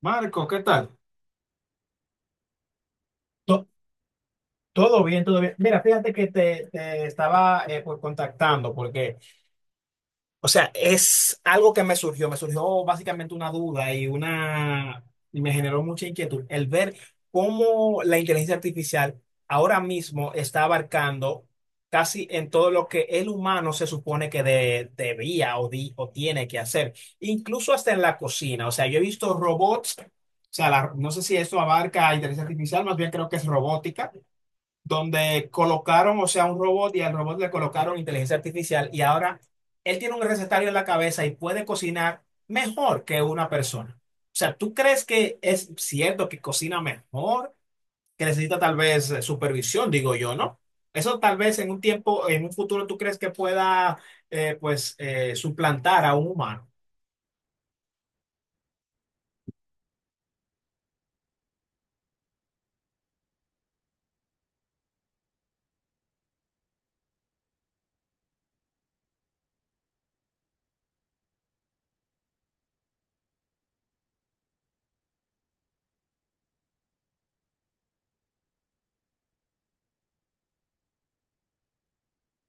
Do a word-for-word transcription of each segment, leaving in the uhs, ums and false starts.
Marcos, ¿qué tal? To- Todo bien, todo bien. Mira, fíjate que te, te estaba eh, pues, contactando porque o sea, es algo que me surgió, me surgió básicamente una duda y una y me generó mucha inquietud el ver cómo la inteligencia artificial ahora mismo está abarcando casi en todo lo que el humano se supone que de- debía o, di- o tiene que hacer, incluso hasta en la cocina. O sea, yo he visto robots, o sea, la- no sé si esto abarca inteligencia artificial, más bien creo que es robótica donde colocaron, o sea, un robot y al robot le colocaron inteligencia artificial y ahora él tiene un recetario en la cabeza y puede cocinar mejor que una persona. O sea, ¿tú crees que es cierto que cocina mejor, que necesita tal vez eh, supervisión, digo yo, ¿no? Eso tal vez en un tiempo, en un futuro, ¿tú crees que pueda, eh, pues, eh, suplantar a un humano?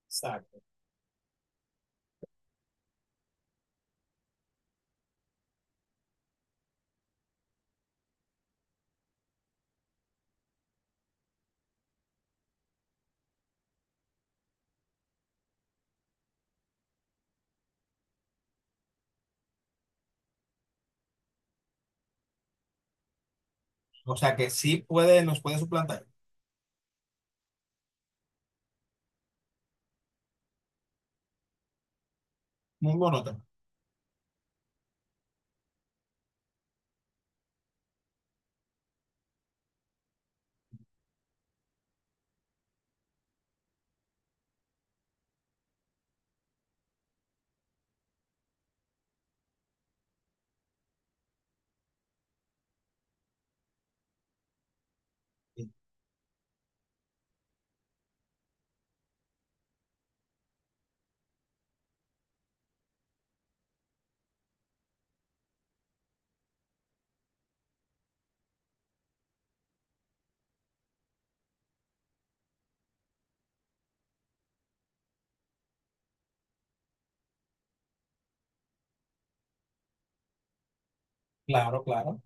Exacto. O sea, que sí puede, nos puede suplantar. Muy monótono. Sí. Claro, claro.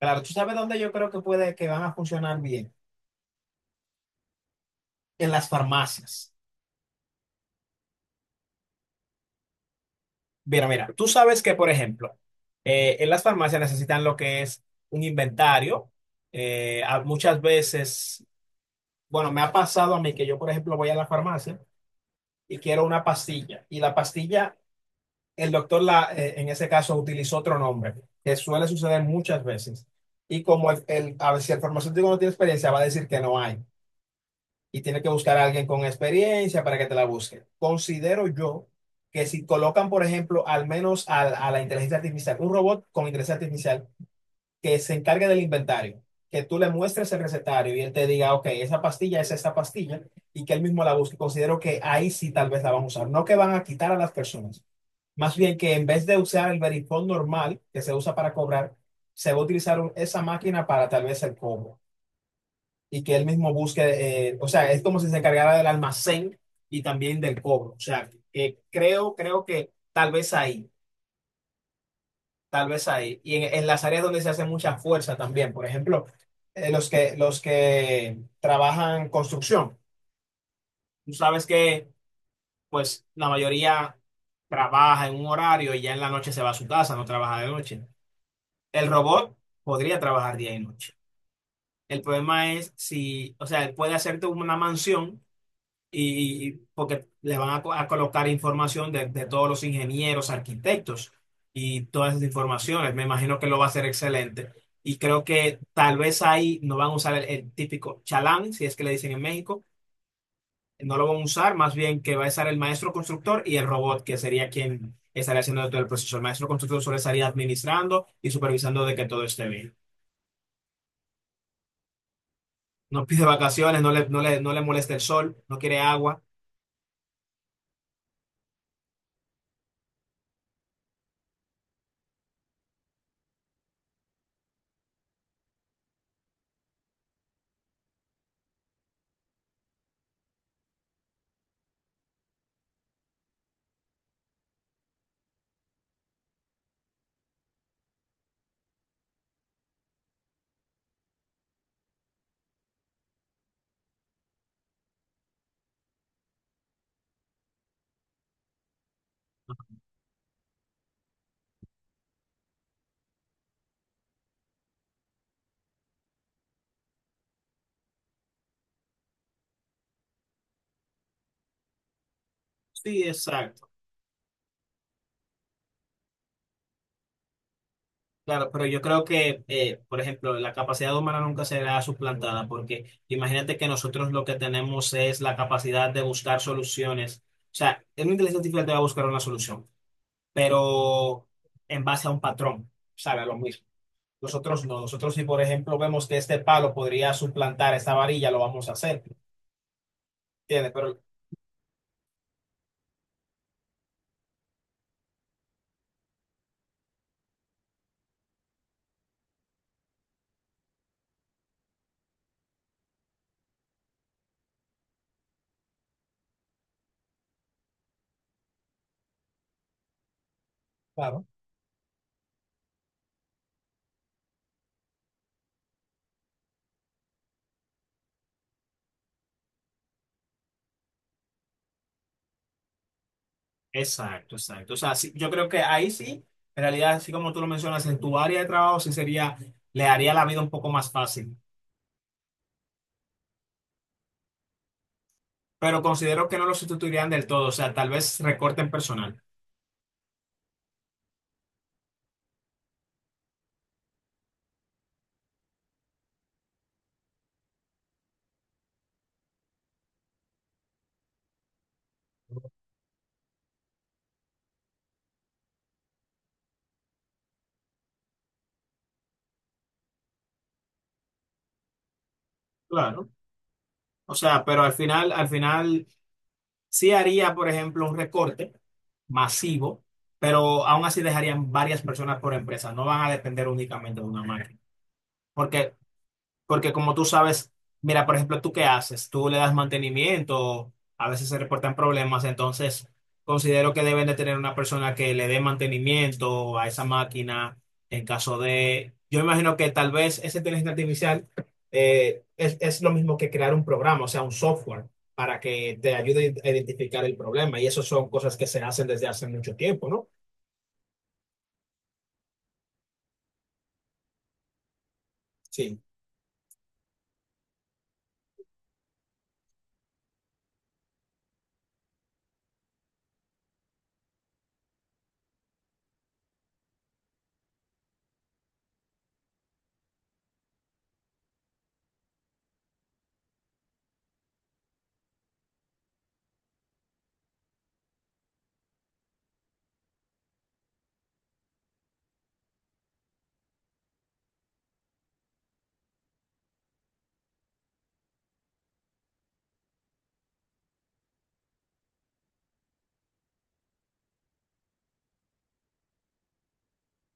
Claro, tú sabes dónde yo creo que puede, que van a funcionar bien en las farmacias. Mira, mira, tú sabes que, por ejemplo, eh, en las farmacias necesitan lo que es un inventario. Eh, a- muchas veces, bueno, me ha pasado a mí que yo, por ejemplo, voy a la farmacia y quiero una pastilla. Y la pastilla, el doctor la, eh, en ese caso utilizó otro nombre, que suele suceder muchas veces. Y como el, el- a ver, si el farmacéutico no tiene experiencia, va a decir que no hay, y tienes que buscar a alguien con experiencia para que te la busque. Considero yo que si colocan, por ejemplo, al menos al- a, la inteligencia artificial, un robot con inteligencia artificial que se encargue del inventario, que tú le muestres el recetario y él te diga, ok, esa pastilla es esta pastilla y que él mismo la busque. Considero que ahí sí tal vez la van a usar, no que van a quitar a las personas. Más bien que en vez de usar el verifone normal que se usa para cobrar, se va a utilizar un- esa máquina para tal vez el cobro y que él mismo busque, eh, o sea, es como si se encargara del almacén y también del cobro. O sea, que creo, creo que tal vez ahí, tal vez ahí. Y en, en las áreas donde se hace mucha fuerza también, por ejemplo, eh, los que, los que trabajan construcción. Tú sabes que, pues, la mayoría trabaja en un horario y ya en la noche se va a su casa, no trabaja de noche. El robot podría trabajar día y noche. El problema es si, o sea, él puede hacerte una mansión y porque le van a, co- a colocar información de, de todos los ingenieros, arquitectos y todas esas informaciones. Me imagino que lo va a hacer excelente. Y creo que tal vez ahí no van a usar el, el típico chalán, si es que le dicen en México, no lo van a usar, más bien que va a estar el maestro constructor y el robot, que sería quien estaría haciendo todo el proceso. El maestro constructor solo estaría administrando y supervisando de que todo esté bien. No pide vacaciones, no le, no le, no le molesta el sol, no quiere agua. Sí, exacto. Claro, pero yo creo que, eh, por ejemplo, la capacidad humana nunca será suplantada, porque imagínate que nosotros lo que tenemos es la capacidad de buscar soluciones. O sea, una inteligencia artificial te va a buscar una solución, pero en base a un patrón, sabe, a lo mismo. Nosotros no, nosotros si por ejemplo vemos que este palo podría suplantar esta varilla, lo vamos a hacer, ¿entiendes? Pero claro. Exacto, exacto. O sea, sí, yo creo que ahí sí, en realidad, así como tú lo mencionas, en tu área de trabajo sí sería, le haría la vida un poco más fácil. Pero considero que no lo sustituirían del todo, o sea, tal vez recorten personal. Claro. O sea, pero al final, al final sí haría, por ejemplo, un recorte masivo, pero aún así dejarían varias personas por empresa, no van a depender únicamente de una máquina. Porque, porque como tú sabes, mira, por ejemplo, ¿tú qué haces? Tú le das mantenimiento, a veces se reportan problemas, entonces considero que deben de tener una persona que le dé mantenimiento a esa máquina en caso de... Yo imagino que tal vez esa inteligencia artificial eh, es, es lo mismo que crear un programa, o sea, un software para que te ayude a identificar el problema. Y eso son cosas que se hacen desde hace mucho tiempo, ¿no? Sí.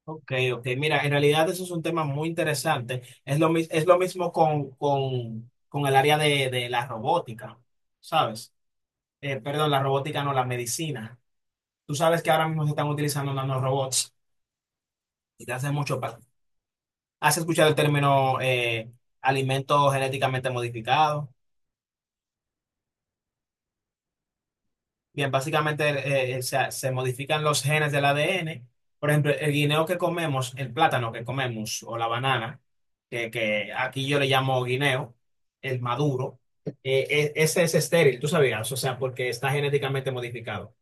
Ok, ok. Mira, en realidad eso es un tema muy interesante. Es lo, mis- es lo mismo con, con, con el área de, de la robótica, ¿sabes? Eh, perdón, la robótica no, la medicina. Tú sabes que ahora mismo se están utilizando nanorobots y te hace mucho pa- ¿has escuchado el término eh, alimentos genéticamente modificados? Bien, básicamente eh, eh, se, se modifican los genes del A D N. Por ejemplo, el guineo que comemos, el plátano que comemos o la banana, que, que aquí yo le llamo guineo, el maduro, eh, eh, ese es estéril, tú sabías, o sea, porque está genéticamente modificado.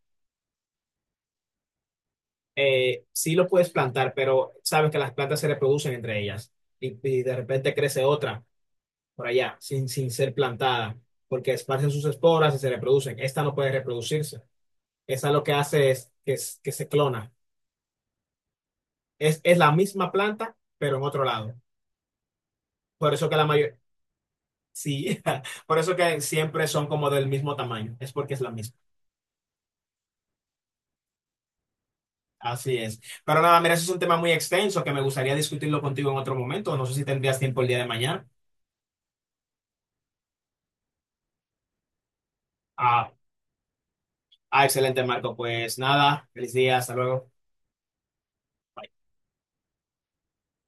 Eh, sí lo puedes plantar, pero sabes que las plantas se reproducen entre ellas y, y de repente crece otra por allá sin, sin ser plantada, porque esparcen sus esporas y se reproducen. Esta no puede reproducirse. Esa lo que hace es que, es- que se clona. Es, es la misma planta, pero en otro lado. Por eso que la mayoría, sí, por eso que siempre son como del mismo tamaño. Es porque es la misma. Así es. Pero nada, mira, eso es un tema muy extenso que me gustaría discutirlo contigo en otro momento. No sé si tendrías tiempo el día de mañana. Ah, ah, excelente, Marco. Pues nada, feliz día, hasta luego.